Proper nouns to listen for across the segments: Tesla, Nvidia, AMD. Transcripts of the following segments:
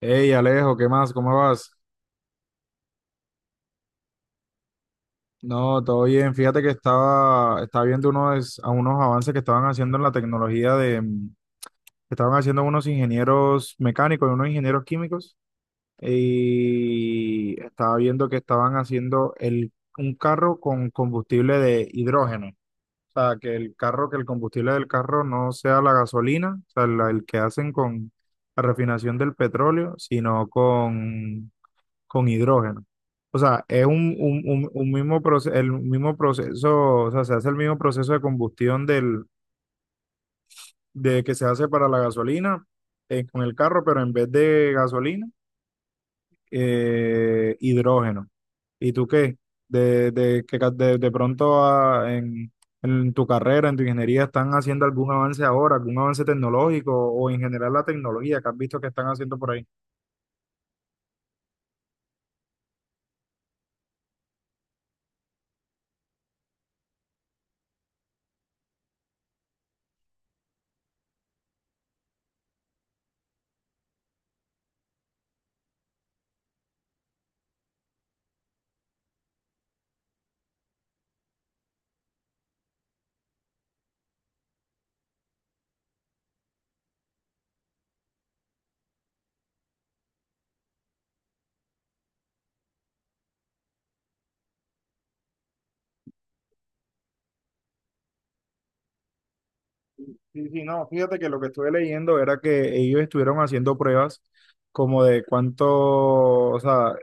Hey Alejo, ¿qué más? ¿Cómo vas? No, todo bien. Fíjate que estaba viendo a unos avances que estaban haciendo en la tecnología de, que estaban haciendo unos ingenieros mecánicos y unos ingenieros químicos. Y estaba viendo que estaban haciendo un carro con combustible de hidrógeno. O sea, que el carro, que el combustible del carro no sea la gasolina, o sea, el que hacen con la refinación del petróleo, sino con hidrógeno. O sea, es un mismo proceso, el mismo proceso, o sea, se hace el mismo proceso de combustión de que se hace para la gasolina con el carro, pero en vez de gasolina, hidrógeno. ¿Y tú qué? De, que ca- de pronto ah, en tu carrera, en tu ingeniería, ¿están haciendo algún avance ahora, algún avance tecnológico o en general la tecnología que has visto que están haciendo por ahí? Sí, sí, no, fíjate que lo que estuve leyendo era que ellos estuvieron haciendo pruebas como de cuánto, o sea,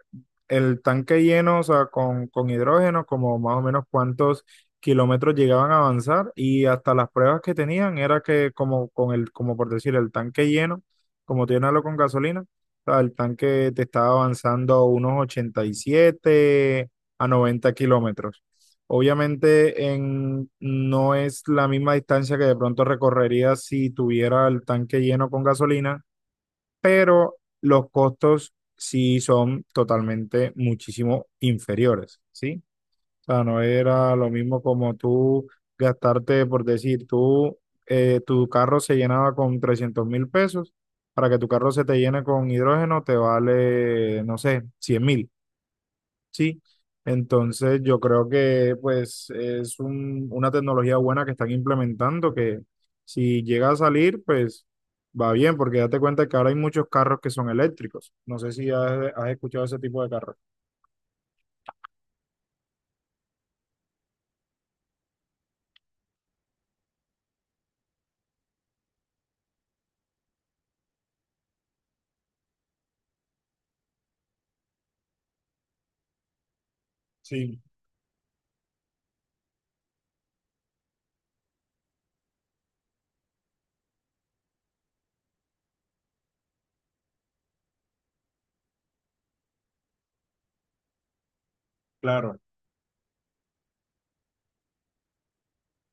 el tanque lleno, o sea, con hidrógeno, como más o menos cuántos kilómetros llegaban a avanzar y hasta las pruebas que tenían era que como con el, como por decir, el tanque lleno, como llenarlo con gasolina, o sea, el tanque te estaba avanzando unos 87 a 90 kilómetros. Obviamente no es la misma distancia que de pronto recorrería si tuviera el tanque lleno con gasolina, pero los costos sí son totalmente muchísimo inferiores, ¿sí? O sea, no era lo mismo como tú gastarte, por decir, tú, tu carro se llenaba con 300.000 pesos, para que tu carro se te llene con hidrógeno te vale, no sé, 100.000. Sí, entonces yo creo que pues es una tecnología buena que están implementando que si llega a salir pues va bien porque date cuenta que ahora hay muchos carros que son eléctricos. No sé si has escuchado ese tipo de carros. Sí, claro,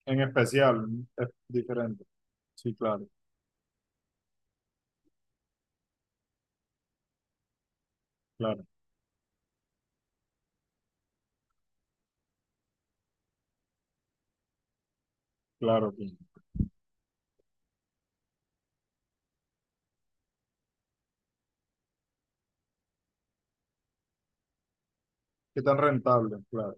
en especial, es diferente. Sí, claro, claro, claro. Que- ¿qué tan rentable? Claro.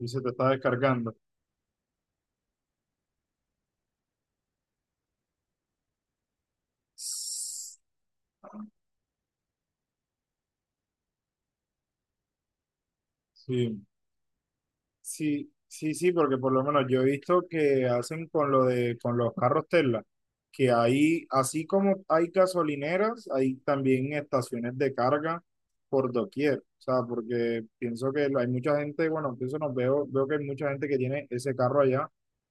Y se te está descargando. Sí, sí, sí, sí, porque por lo menos yo he visto que hacen con lo de con los carros Tesla, que ahí, así como hay gasolineras, hay también estaciones de carga por doquier. O sea, porque pienso que hay mucha gente, bueno, pienso no veo, veo que hay mucha gente que tiene ese carro allá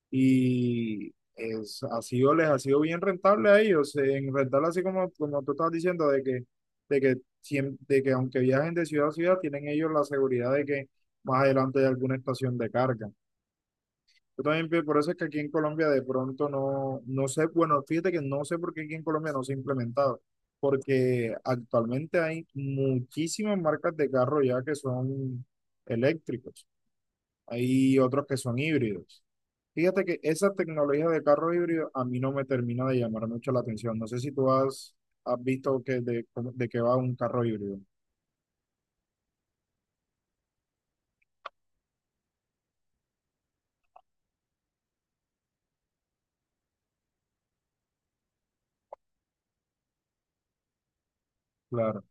y es, ha sido, les ha sido bien rentable a ellos, en rentable así como, como tú estás diciendo, de que, siem- de que aunque viajen de ciudad a ciudad, tienen ellos la seguridad de que más adelante hay alguna estación de carga. Yo también, pi- por eso es que aquí en Colombia de pronto no, no sé, bueno, fíjate que no sé por qué aquí en Colombia no se ha implementado, porque actualmente hay muchísimas marcas de carro ya que son eléctricos, hay otros que son híbridos. Fíjate que esa tecnología de carro híbrido a mí no me termina de llamar mucho la atención. No sé si tú has visto que de, cómo- de qué va un carro híbrido. Claro.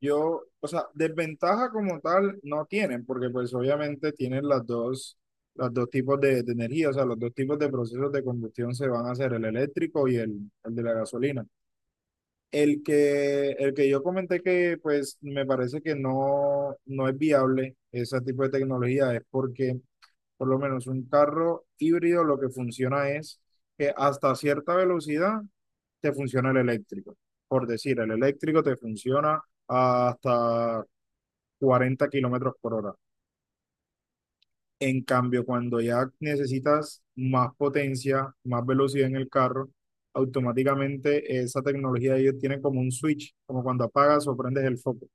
Yo, o sea, desventaja como tal no tienen, porque pues obviamente tienen las dos, los dos tipos de energía, o sea, los dos tipos de procesos de combustión se van a hacer, el eléctrico y el de la gasolina. El que yo comenté que pues me parece que no es viable ese tipo de tecnología es porque por lo menos un carro híbrido lo que funciona es que hasta cierta velocidad te funciona el eléctrico. Por decir, el eléctrico te funciona hasta 40 kilómetros por hora. En cambio, cuando ya necesitas más potencia, más velocidad en el carro, automáticamente esa tecnología de ellos tiene como un switch, como cuando apagas o prendes el foco.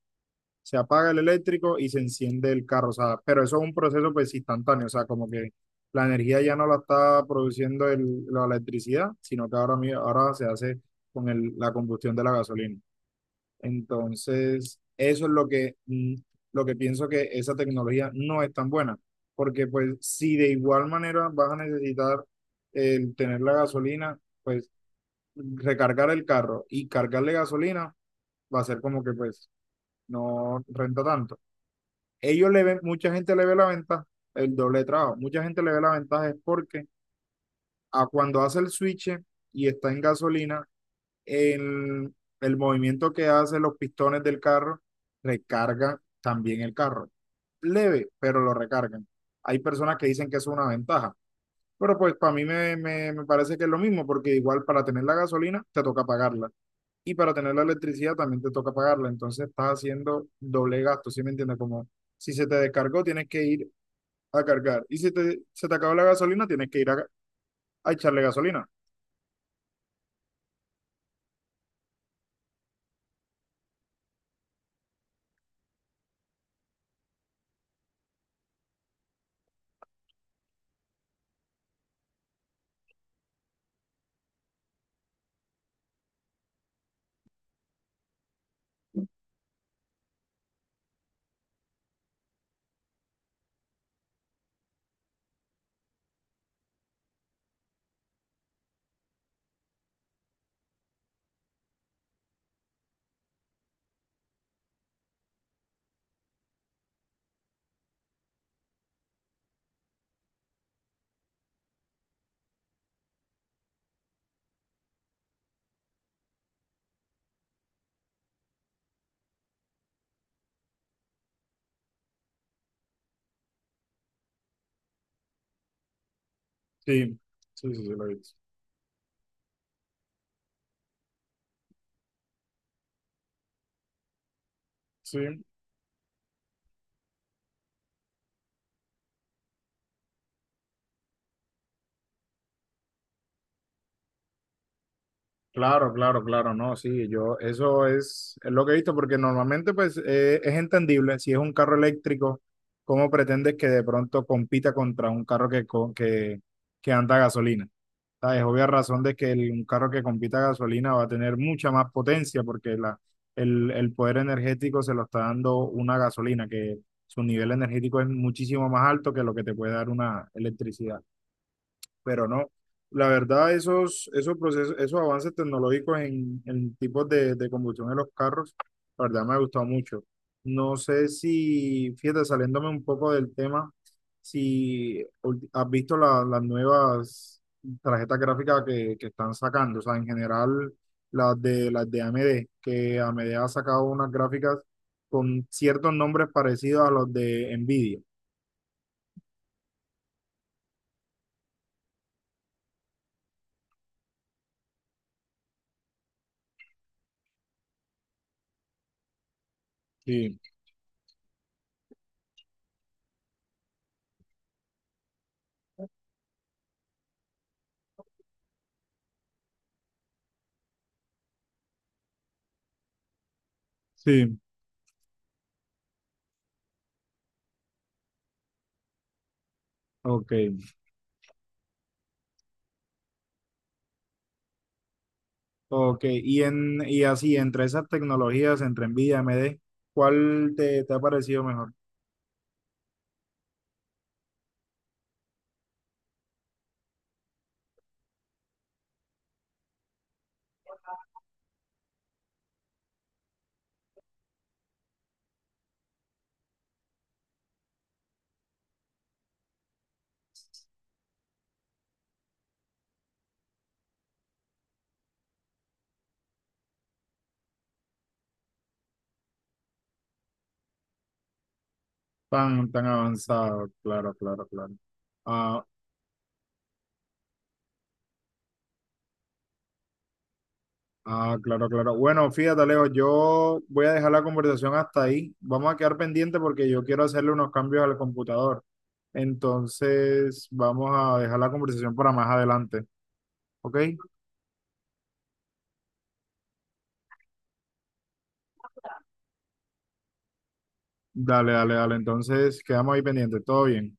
Se apaga el eléctrico y se enciende el carro, o sea, pero eso es un proceso pues instantáneo, o sea, como que la energía ya no la está produciendo la electricidad, sino que ahora, ahora se hace con la combustión de la gasolina. Entonces, eso es lo que, lo que pienso que esa tecnología no es tan buena, porque pues si de igual manera vas a necesitar el tener la gasolina, pues recargar el carro y cargarle gasolina va a ser como que pues no renta tanto. Ellos le ven, mucha gente le ve la ventaja, el doble de trabajo, mucha gente le ve la ventaja es porque a cuando hace el switch y está en gasolina, el, el movimiento que hacen los pistones del carro recarga también el carro. Leve, pero lo recargan. Hay personas que dicen que eso es una ventaja, pero pues para mí me parece que es lo mismo, porque igual para tener la gasolina te toca pagarla y para tener la electricidad también te toca pagarla. Entonces estás haciendo doble gasto, ¿sí me entiendes? Como si se te descargó, tienes que ir a cargar y si te, se te acabó la gasolina, tienes que ir a echarle gasolina. Sí, sí, sí, sí, lo he visto. Sí. Claro, claro, claro, no, sí, yo, eso es lo que he visto, porque normalmente pues es entendible, si es un carro eléctrico, ¿cómo pretendes que de pronto compita contra un carro que anda a gasolina? Ah, es obvia razón de que un carro que compita a gasolina va a tener mucha más potencia, porque la, el poder energético se lo está dando una gasolina, que su nivel energético es muchísimo más alto que lo que te puede dar una electricidad pero no. La verdad, esos, esos procesos, esos avances tecnológicos en tipos de combustión en los carros, la verdad me ha gustado mucho. No sé si, fíjate, saliéndome un poco del tema, si ul- has visto las nuevas tarjetas gráficas que están sacando, o sea, en general las de AMD, que AMD ha sacado unas gráficas con ciertos nombres parecidos a los de Nvidia. Sí, sí. Ok. Ok, y, en, y así, entre esas tecnologías, entre NVIDIA y AMD, ¿cuál te, te ha parecido mejor? Tan, tan avanzado, claro, claro, claro. Ah, ah, claro, claro. Bueno, fíjate, Alejo, yo voy a dejar la conversación hasta ahí. Vamos a quedar pendiente porque yo quiero hacerle unos cambios al computador. Entonces, vamos a dejar la conversación para más adelante, ¿ok? Dale, dale, dale. Entonces, quedamos ahí pendientes. Todo bien.